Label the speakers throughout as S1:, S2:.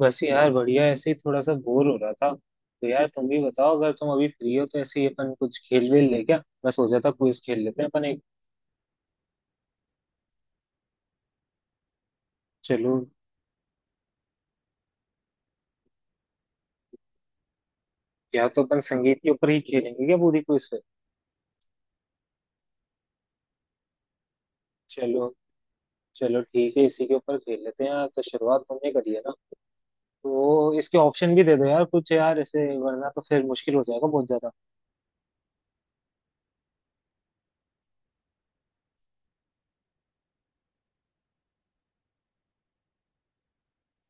S1: बस यार बढ़िया, ऐसे ही थोड़ा सा बोर हो रहा था। तो यार तुम भी बताओ, अगर तुम अभी फ्री हो तो ऐसे ही अपन कुछ खेल वेल ले क्या। मैं सोचा था क्विज खेल लेते हैं अपन एक। चलो। या तो अपन संगीत के ऊपर ही खेलेंगे क्या पूरी क्विज? चलो। चलो ठीक है, इसी के ऊपर खेल लेते हैं यार। तो शुरुआत तुमने करी है ना, तो इसके ऑप्शन भी दे दो यार कुछ, यार ऐसे वरना तो फिर मुश्किल हो जाएगा बहुत ज्यादा।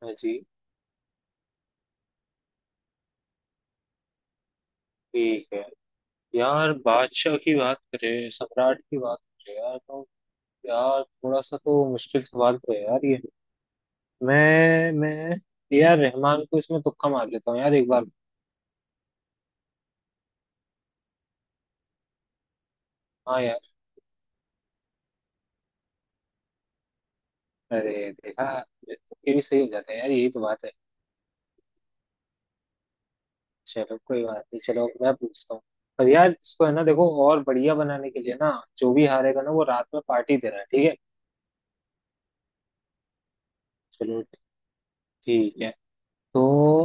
S1: हाँ जी। ठीक है। यार बादशाह की बात करें, सम्राट की बात करें यार, तो यार थोड़ा सा तो मुश्किल सवाल तो है यार ये। मैं ए आर रहमान को इसमें तुक्का मार लेता हूँ यार एक बार। हाँ यार। अरे देखा, ये तुक्के भी सही हो जाते हैं यार, यही तो बात है। चलो कोई बात नहीं, चलो मैं पूछता हूँ। पर यार इसको है ना, देखो और बढ़िया बनाने के लिए ना, जो भी हारेगा ना वो रात में पार्टी दे रहा है, ठीक है। चलो। ठीक है। तो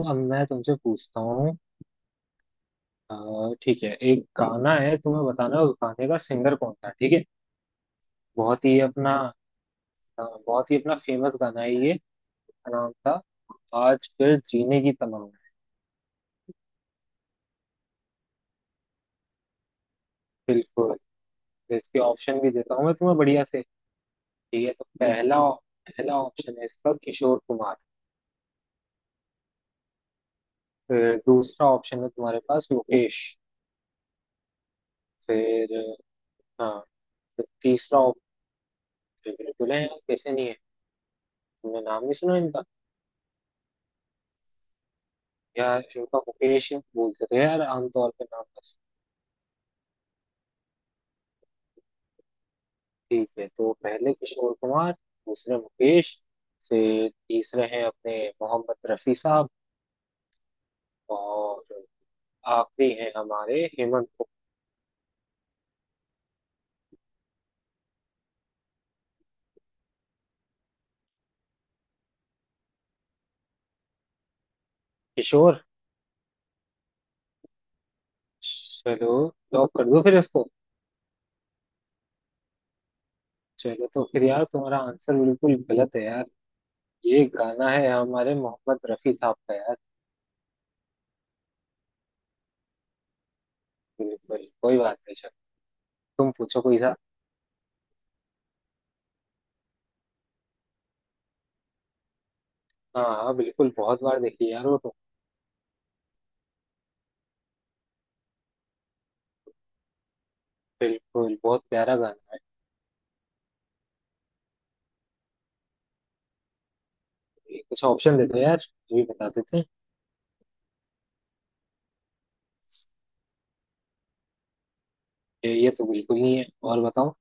S1: अब मैं तुमसे पूछता हूँ। ठीक है, एक गाना है, तुम्हें बताना है उस गाने का सिंगर कौन था, ठीक है। बहुत ही अपना बहुत ही अपना फेमस गाना है ये, का नाम था आज फिर जीने की तमन्ना। बिल्कुल। तो इसके ऑप्शन भी देता हूँ मैं तुम्हें बढ़िया से। ठीक है, तो पहला पहला ऑप्शन है इसका किशोर कुमार। फिर दूसरा ऑप्शन है तुम्हारे पास मुकेश। फिर, हाँ, फिर तीसरा ऑप्शन। बिल्कुल है यार, कैसे नहीं है, तुमने नाम नहीं सुना इनका। यार इनका मुकेश ही बोलते थे यार आमतौर पे नाम बस। ठीक है, तो पहले किशोर कुमार, दूसरे मुकेश, फिर तीसरे हैं अपने मोहम्मद रफी साहब, और आखिरी हैं हमारे हेमंत किशोर। चलो, लॉक कर दो फिर इसको। चलो, तो फिर यार तुम्हारा आंसर बिल्कुल गलत है यार। ये गाना है हमारे मोहम्मद रफी साहब का यार। बिल्कुल, कोई बात नहीं, चलो तुम पूछो कोई सा। हाँ हाँ, बिल्कुल, बहुत बार देखी यार वो तो। बिल्कुल, बहुत प्यारा गाना है। ये कुछ ऑप्शन दे दो यार, ये भी बता देते हैं। ये तो बिल्कुल नहीं है। और बताओ।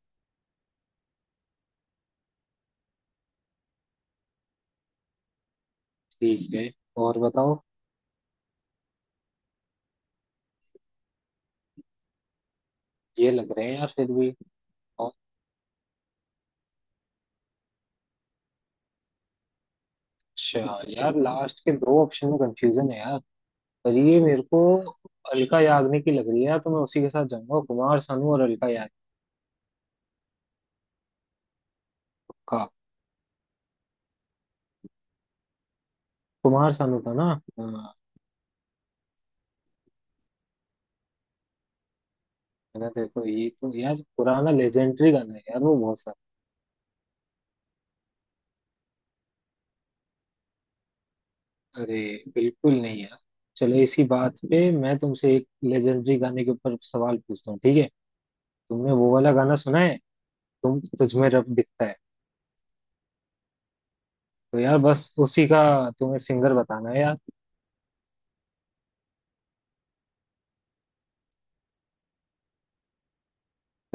S1: ठीक है, और बताओ। ये लग रहे हैं यार फिर भी। अच्छा यार, लास्ट के दो ऑप्शन में कंफ्यूजन है यार, पर ये मेरे को अलका याग्निक की लग रही है यार, तो मैं उसी के साथ जाऊंगा, कुमार सानू और अलका याग्निक का। कुमार सानू था ना? हाँ। मैंने देखो, ये तो यार पुराना लेजेंडरी गाना है यार वो, बहुत सारा। अरे बिल्कुल नहीं यार। चलो, इसी बात पे मैं तुमसे एक लेजेंडरी गाने के ऊपर सवाल पूछता हूँ ठीक है। तुमने वो वाला गाना सुना है, तुम तुझ में रब दिखता है? तो यार बस उसी का तुम्हें सिंगर बताना है यार।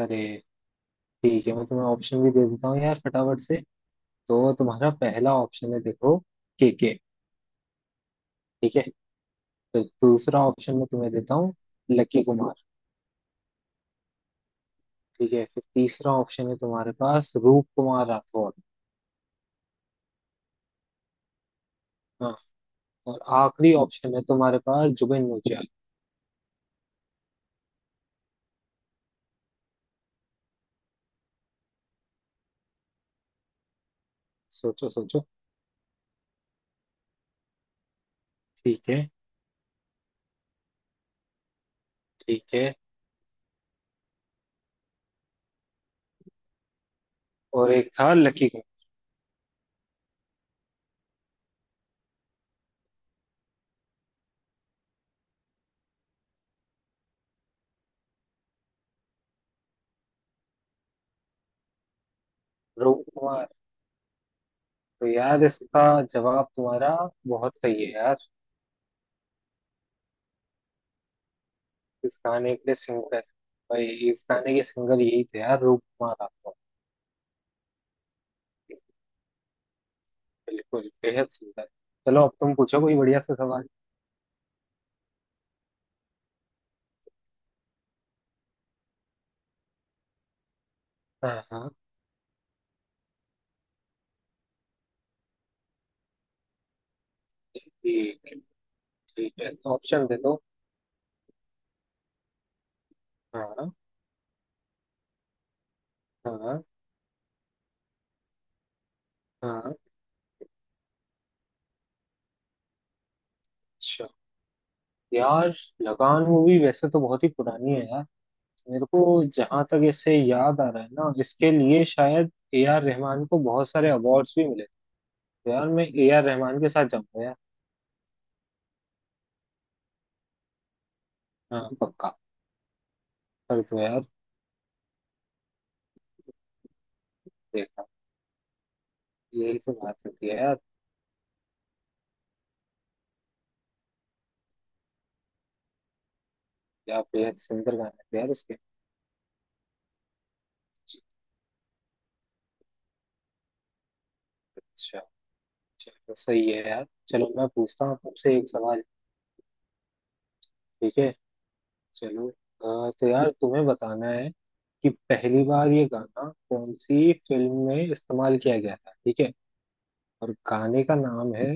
S1: अरे ठीक है, मैं तुम्हें ऑप्शन भी दे देता हूँ यार फटाफट से। तो तुम्हारा पहला ऑप्शन है, देखो, के के। ठीक है। फिर दूसरा ऑप्शन में तुम्हें देता हूँ लकी कुमार। ठीक है, फिर तीसरा ऑप्शन है तुम्हारे पास रूप कुमार राठौड़। हाँ। और आखिरी ऑप्शन है तुम्हारे पास जुबिन नौटियाल। सोचो सोचो। ठीक है। ठीक है। और एक था लकी कुमार। रूप कुमार। तो यार इसका जवाब तुम्हारा बहुत सही है यार। इस गाने के सिंगर, भाई इस गाने के सिंगर यही थे यार, रूप कुमार राठौड़। बिल्कुल, बेहद सुंदर। चलो अब तुम पूछो कोई बढ़िया सा सवाल। हाँ हाँ। ठीक है, ऑप्शन दे दो। हाँ हाँ हाँ। अच्छा यार, लगान मूवी वैसे तो बहुत ही पुरानी है यार। मेरे को जहां तक इसे याद आ रहा है ना, इसके लिए शायद ए आर रहमान को बहुत सारे अवार्ड्स भी मिले। तो यार मैं ए आर रहमान के साथ जाऊंगा यार। हाँ पक्का। कर दो यार। देखा, यही तो बात होती है यार। क्या बेहद सुंदर गाने थे यार उसके। अच्छा। चलो सही है यार, चलो मैं पूछता हूँ तुमसे एक सवाल। ठीक है। चलो तो यार तुम्हें बताना है कि पहली बार ये गाना कौन सी फिल्म में इस्तेमाल किया गया था, ठीक है। और गाने का नाम है,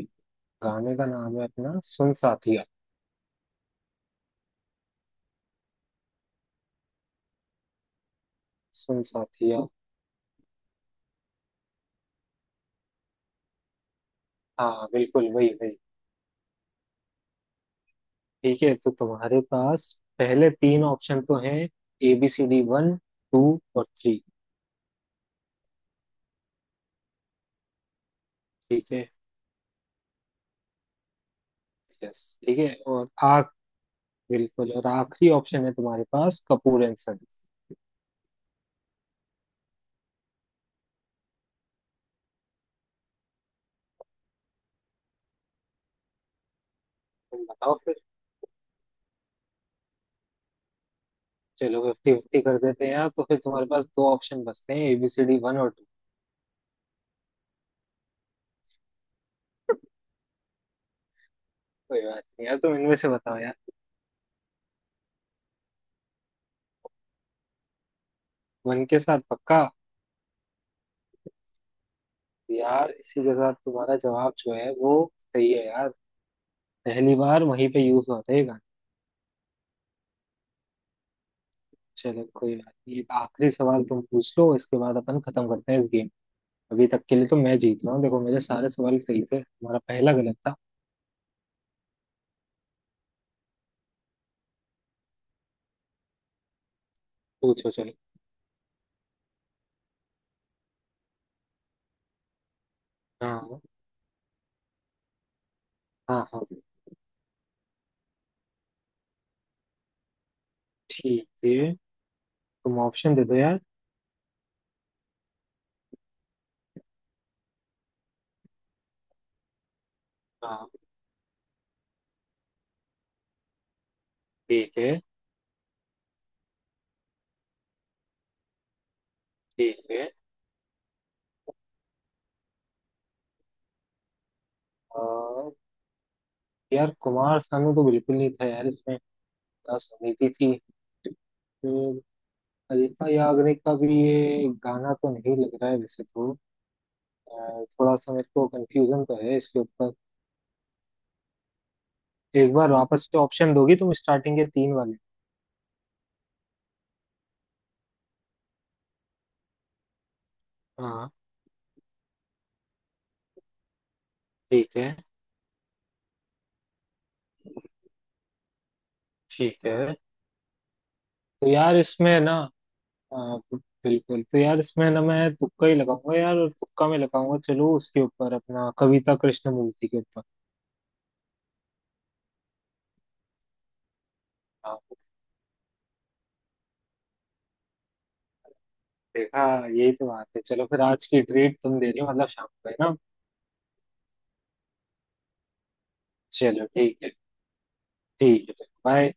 S1: गाने का नाम है अपना सुन साथिया। सुन साथिया, हाँ बिल्कुल, वही वही। ठीक है, तो तुम्हारे पास पहले तीन ऑप्शन तो हैं, A B C D one, two और थ्री। ठीक है। यस। ठीक है, और आख, बिल्कुल, और आखिरी ऑप्शन है तुम्हारे पास कपूर एंड सन्स। तुम बताओ। चलो फिफ्टी फिफ्टी कर देते हैं यार, तो फिर तुम्हारे पास दो ऑप्शन बचते हैं, एबीसीडी वन और टू। कोई बात नहीं यार, तुम इनमें से बताओ यार। वन के साथ, पक्का? यार इसी के साथ तुम्हारा जवाब जो है वो सही है यार। पहली बार वहीं पे यूज होता है ये गाना। चलो कोई बात नहीं, एक आखिरी सवाल तुम पूछ लो, इसके बाद अपन खत्म करते हैं इस गेम। अभी तक के लिए तो मैं जीत रहा हूँ, देखो मेरे सारे सवाल सही थे, तुम्हारा पहला गलत था। पूछो चलो। हाँ हाँ हाँ। ठीक है, तुम ऑप्शन दे दो यार। हाँ। ठीक है। ठीक है। आ, यार कुमार सानू तो बिल्कुल नहीं था यार इसमें, उदास समिति थी फिर। अलीका याग्निक का भी ये गाना तो नहीं लग रहा है वैसे तो। थोड़ा सा मेरे को कंफ्यूजन तो है इसके ऊपर। एक बार वापस से ऑप्शन दोगी तुम स्टार्टिंग के तीन वाले? हाँ। ठीक है। ठीक है। तो यार इसमें ना, अ, बिल्कुल। तो यार इसमें ना, मैं तुक्का ही लगाऊंगा यार, और तुक्का में लगाऊंगा, चलो उसके ऊपर अपना कविता कृष्णमूर्ति के ऊपर। हाँ। देखा, यही तो बात है। चलो फिर आज की ट्रीट तुम दे रही हो मतलब, शाम को है ना। चलो ठीक है। ठीक है, बाय।